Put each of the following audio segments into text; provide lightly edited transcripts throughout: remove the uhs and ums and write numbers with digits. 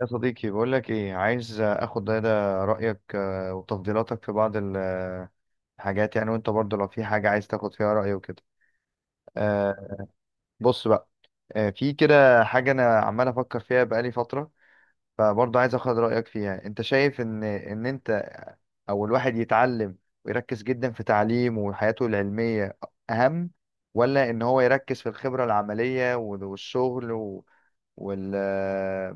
يا صديقي بقول لك ايه. عايز اخد ده رايك، وتفضيلاتك في بعض الحاجات يعني. وانت برضو لو في حاجه عايز تاخد فيها راي وكده. آه، بص بقى. في كده حاجه انا عمال افكر فيها بقالي فتره، فبرضو عايز اخد رايك فيها. انت شايف ان انت او الواحد يتعلم ويركز جدا في تعليمه وحياته العلميه اهم، ولا ان هو يركز في الخبره العمليه والشغل والخبره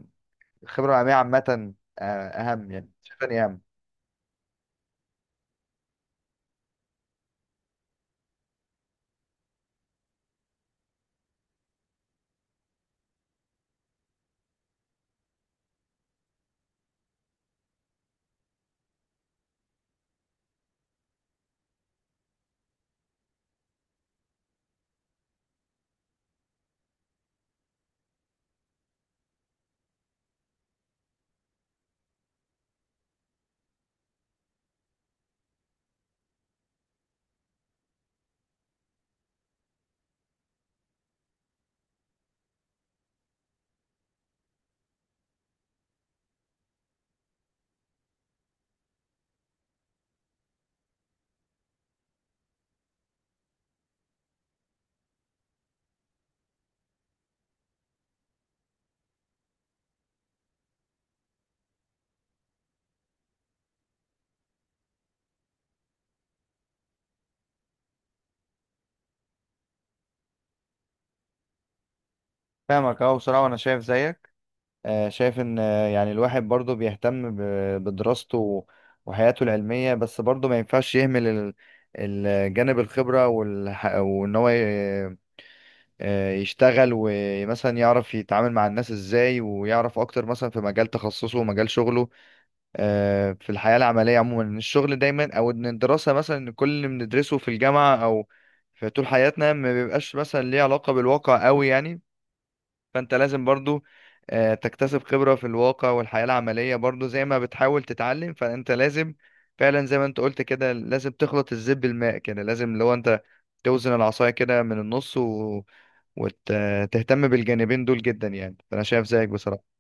العمليه عامه؟ آه، اهم، يعني شايف اني اهم. فاهمك، اه، بصراحة، وانا شايف زيك. شايف ان، يعني الواحد برضه بيهتم بدراسته وحياته العلمية، بس برضه ما ينفعش يهمل الجانب الخبرة وان هو يشتغل ومثلا يعرف يتعامل مع الناس ازاي، ويعرف اكتر مثلا في مجال تخصصه ومجال شغله. في الحياة العملية عموما، ان الشغل دايما، او ان الدراسة مثلا، إن كل اللي بندرسه في الجامعة او في طول حياتنا ما بيبقاش مثلا ليه علاقة بالواقع قوي يعني. فانت لازم برضو تكتسب خبرة في الواقع والحياة العملية، برضو زي ما بتحاول تتعلم فانت لازم فعلا، زي ما انت قلت كده، لازم تخلط الزب بالماء كده. لازم لو انت توزن العصاية كده من النص وتهتم بالجانبين دول جدا يعني. فانا شايف زيك بصراحة.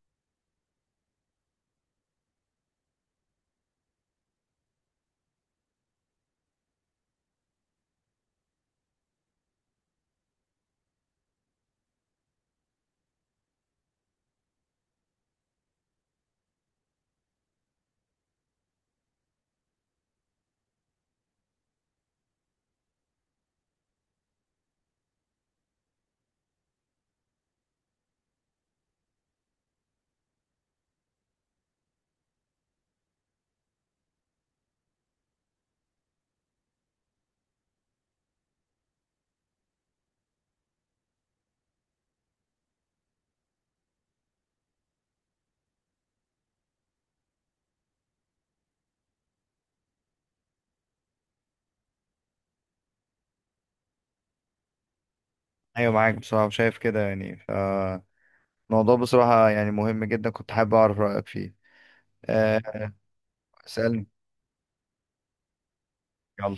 ايوه، معاك بصراحة، شايف كده يعني. فالموضوع بصراحة يعني مهم جدا، كنت حابب اعرف رأيك فيه. آه، اسألني، يلا.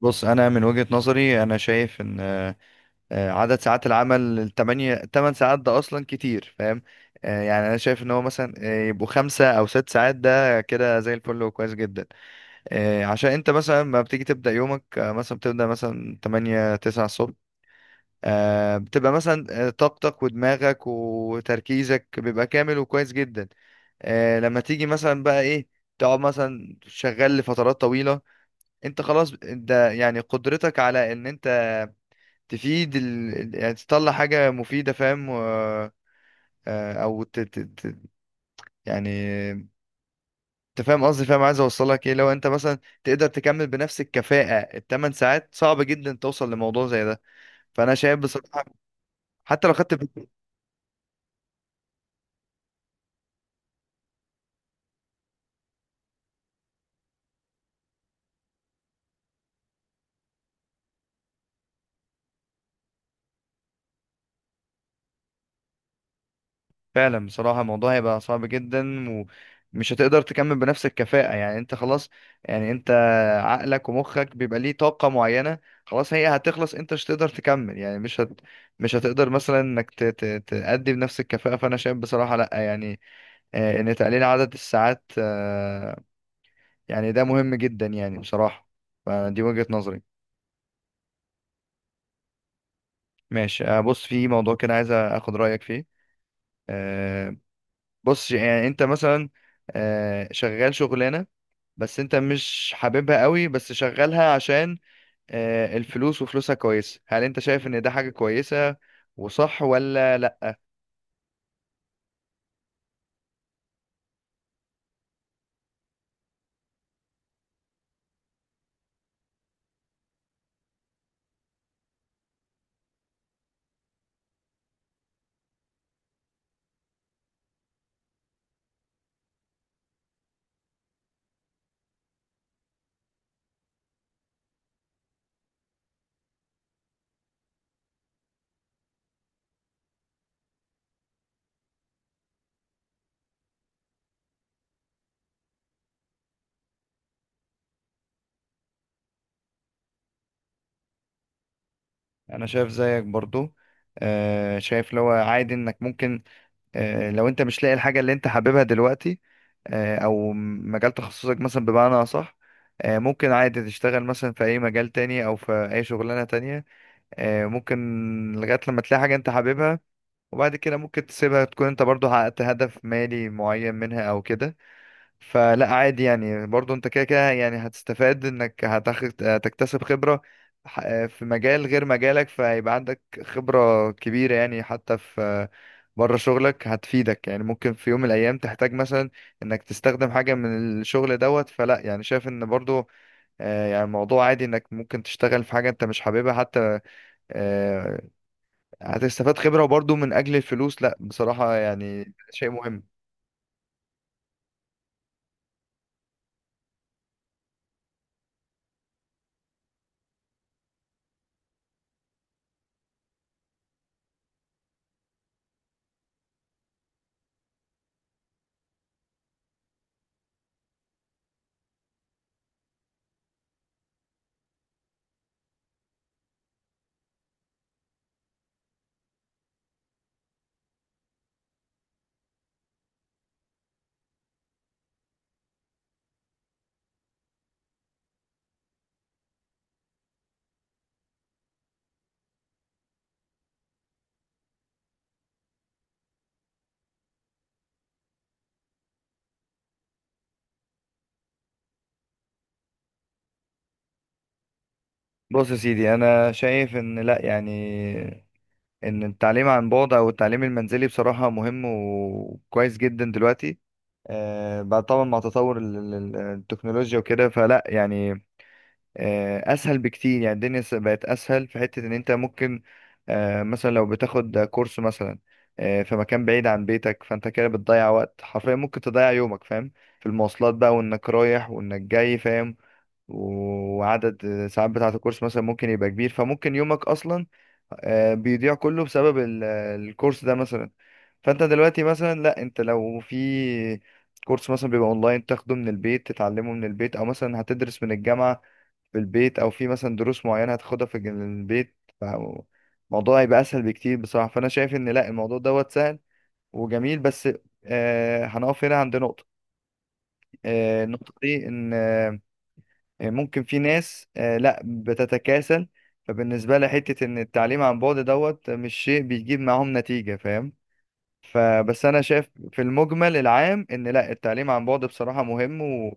بص، انا من وجهة نظري انا شايف ان عدد ساعات العمل التمانية، تمن ساعات، ده أصلا كتير، فاهم. يعني أنا شايف إن هو مثلا يبقوا خمسة أو ست ساعات، ده كده زي الفل وكويس جدا. عشان أنت مثلا ما بتيجي تبدأ يومك، مثلا بتبدأ مثلا تمانية تسعة الصبح، بتبقى مثلا طاقتك ودماغك وتركيزك بيبقى كامل وكويس جدا. لما تيجي مثلا بقى ايه، تقعد مثلا شغال لفترات طويلة، انت خلاص، انت يعني قدرتك على ان انت تفيد يعني تطلع حاجة مفيدة، فاهم، او يعني انت فاهم قصدي، فاهم عايز اوصلك ايه. لو انت مثلا تقدر تكمل بنفس الكفاءة الثمان ساعات، صعب جدا توصل لموضوع زي ده. فانا شايف بصراحة، حتى لو خدت، فعلا بصراحة الموضوع هيبقى صعب جدا، ومش هتقدر تكمل بنفس الكفاءة يعني. انت خلاص، يعني انت عقلك ومخك بيبقى ليه طاقة معينة، خلاص هي هتخلص، انت مش هتقدر تكمل يعني، مش هتقدر مثلا انك تأدي بنفس الكفاءة. فانا شايف بصراحة لا، يعني ان تقليل عدد الساعات، يعني ده مهم جدا يعني بصراحة. فدي وجهة نظري. ماشي. بص، في موضوع كده عايز اخد رأيك فيه. آه، بص، يعني انت مثلا شغال شغلانة بس انت مش حاببها قوي، بس شغالها عشان الفلوس وفلوسها كويسة. هل انت شايف ان ده حاجة كويسة وصح، ولا لا؟ انا شايف زيك برضو. شايف لو عادي انك ممكن، لو انت مش لاقي الحاجة اللي انت حاببها دلوقتي، او مجال تخصصك مثلا بمعنى اصح، ممكن عادي تشتغل مثلا في اي مجال تاني او في اي شغلانة تانية. ممكن لغاية لما تلاقي حاجة انت حاببها، وبعد كده ممكن تسيبها، تكون انت برضو حققت هدف مالي معين منها او كده. فلا عادي يعني، برضو انت كده كده يعني هتستفاد، انك هتاخد تكتسب خبرة في مجال غير مجالك، فهيبقى عندك خبرة كبيرة يعني، حتى في بره شغلك هتفيدك يعني، ممكن في يوم من الايام تحتاج مثلا انك تستخدم حاجة من الشغل دوت. فلا يعني شايف ان برضو يعني الموضوع عادي انك ممكن تشتغل في حاجة انت مش حاببها. حتى آه، هتستفاد خبرة، وبرضو من اجل الفلوس، لا بصراحة يعني شيء مهم. بص يا سيدي، انا شايف ان لا يعني، ان التعليم عن بعد او التعليم المنزلي بصراحة مهم وكويس جدا دلوقتي. بعد طبعا مع تطور التكنولوجيا وكده، فلا يعني اسهل بكتير. يعني الدنيا بقت اسهل في حتة ان انت ممكن، مثلا لو بتاخد كورس مثلا في مكان بعيد عن بيتك، فانت كده بتضيع وقت حرفيا، ممكن تضيع يومك، فاهم، في المواصلات بقى وانك رايح وانك جاي، فاهم. وعدد الساعات بتاعة الكورس مثلا ممكن يبقى كبير، فممكن يومك أصلا بيضيع كله بسبب الكورس ده مثلا. فأنت دلوقتي مثلا لا، أنت لو في كورس مثلا بيبقى أونلاين تاخده من البيت، تتعلمه من البيت، أو مثلا هتدرس من الجامعة في البيت، أو في مثلا دروس معينة هتاخدها في البيت، فالموضوع يبقى أسهل بكتير بصراحة. فأنا شايف إن لا، الموضوع دوت سهل وجميل. بس هنقف هنا عند نقطة. النقطة دي إن ممكن في ناس لا بتتكاسل، فبالنسبة لها حتة ان التعليم عن بعد دوت مش شيء بيجيب معاهم نتيجة، فاهم. فبس انا شايف في المجمل العام ان لا، التعليم عن بعد بصراحة مهم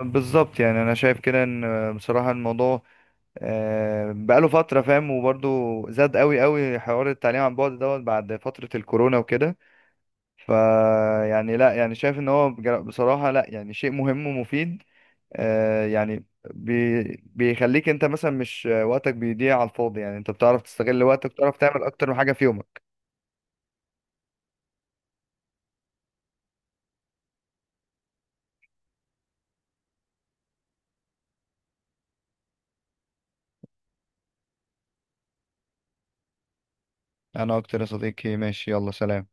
بالظبط. يعني انا شايف كده ان بصراحة الموضوع بقاله فترة، فاهم، وبرضه زاد قوي قوي حوار التعليم عن بعد دوت بعد فترة الكورونا وكده. ف يعني لا، يعني شايف ان هو بصراحة لا يعني شيء مهم ومفيد. يعني بيخليك انت مثلا، مش وقتك بيضيع على الفاضي يعني، انت بتعرف تستغل وقتك وتعرف تعمل اكتر من حاجة في يومك. انا اكتر يا صديقي، ماشي، يلا، سلام.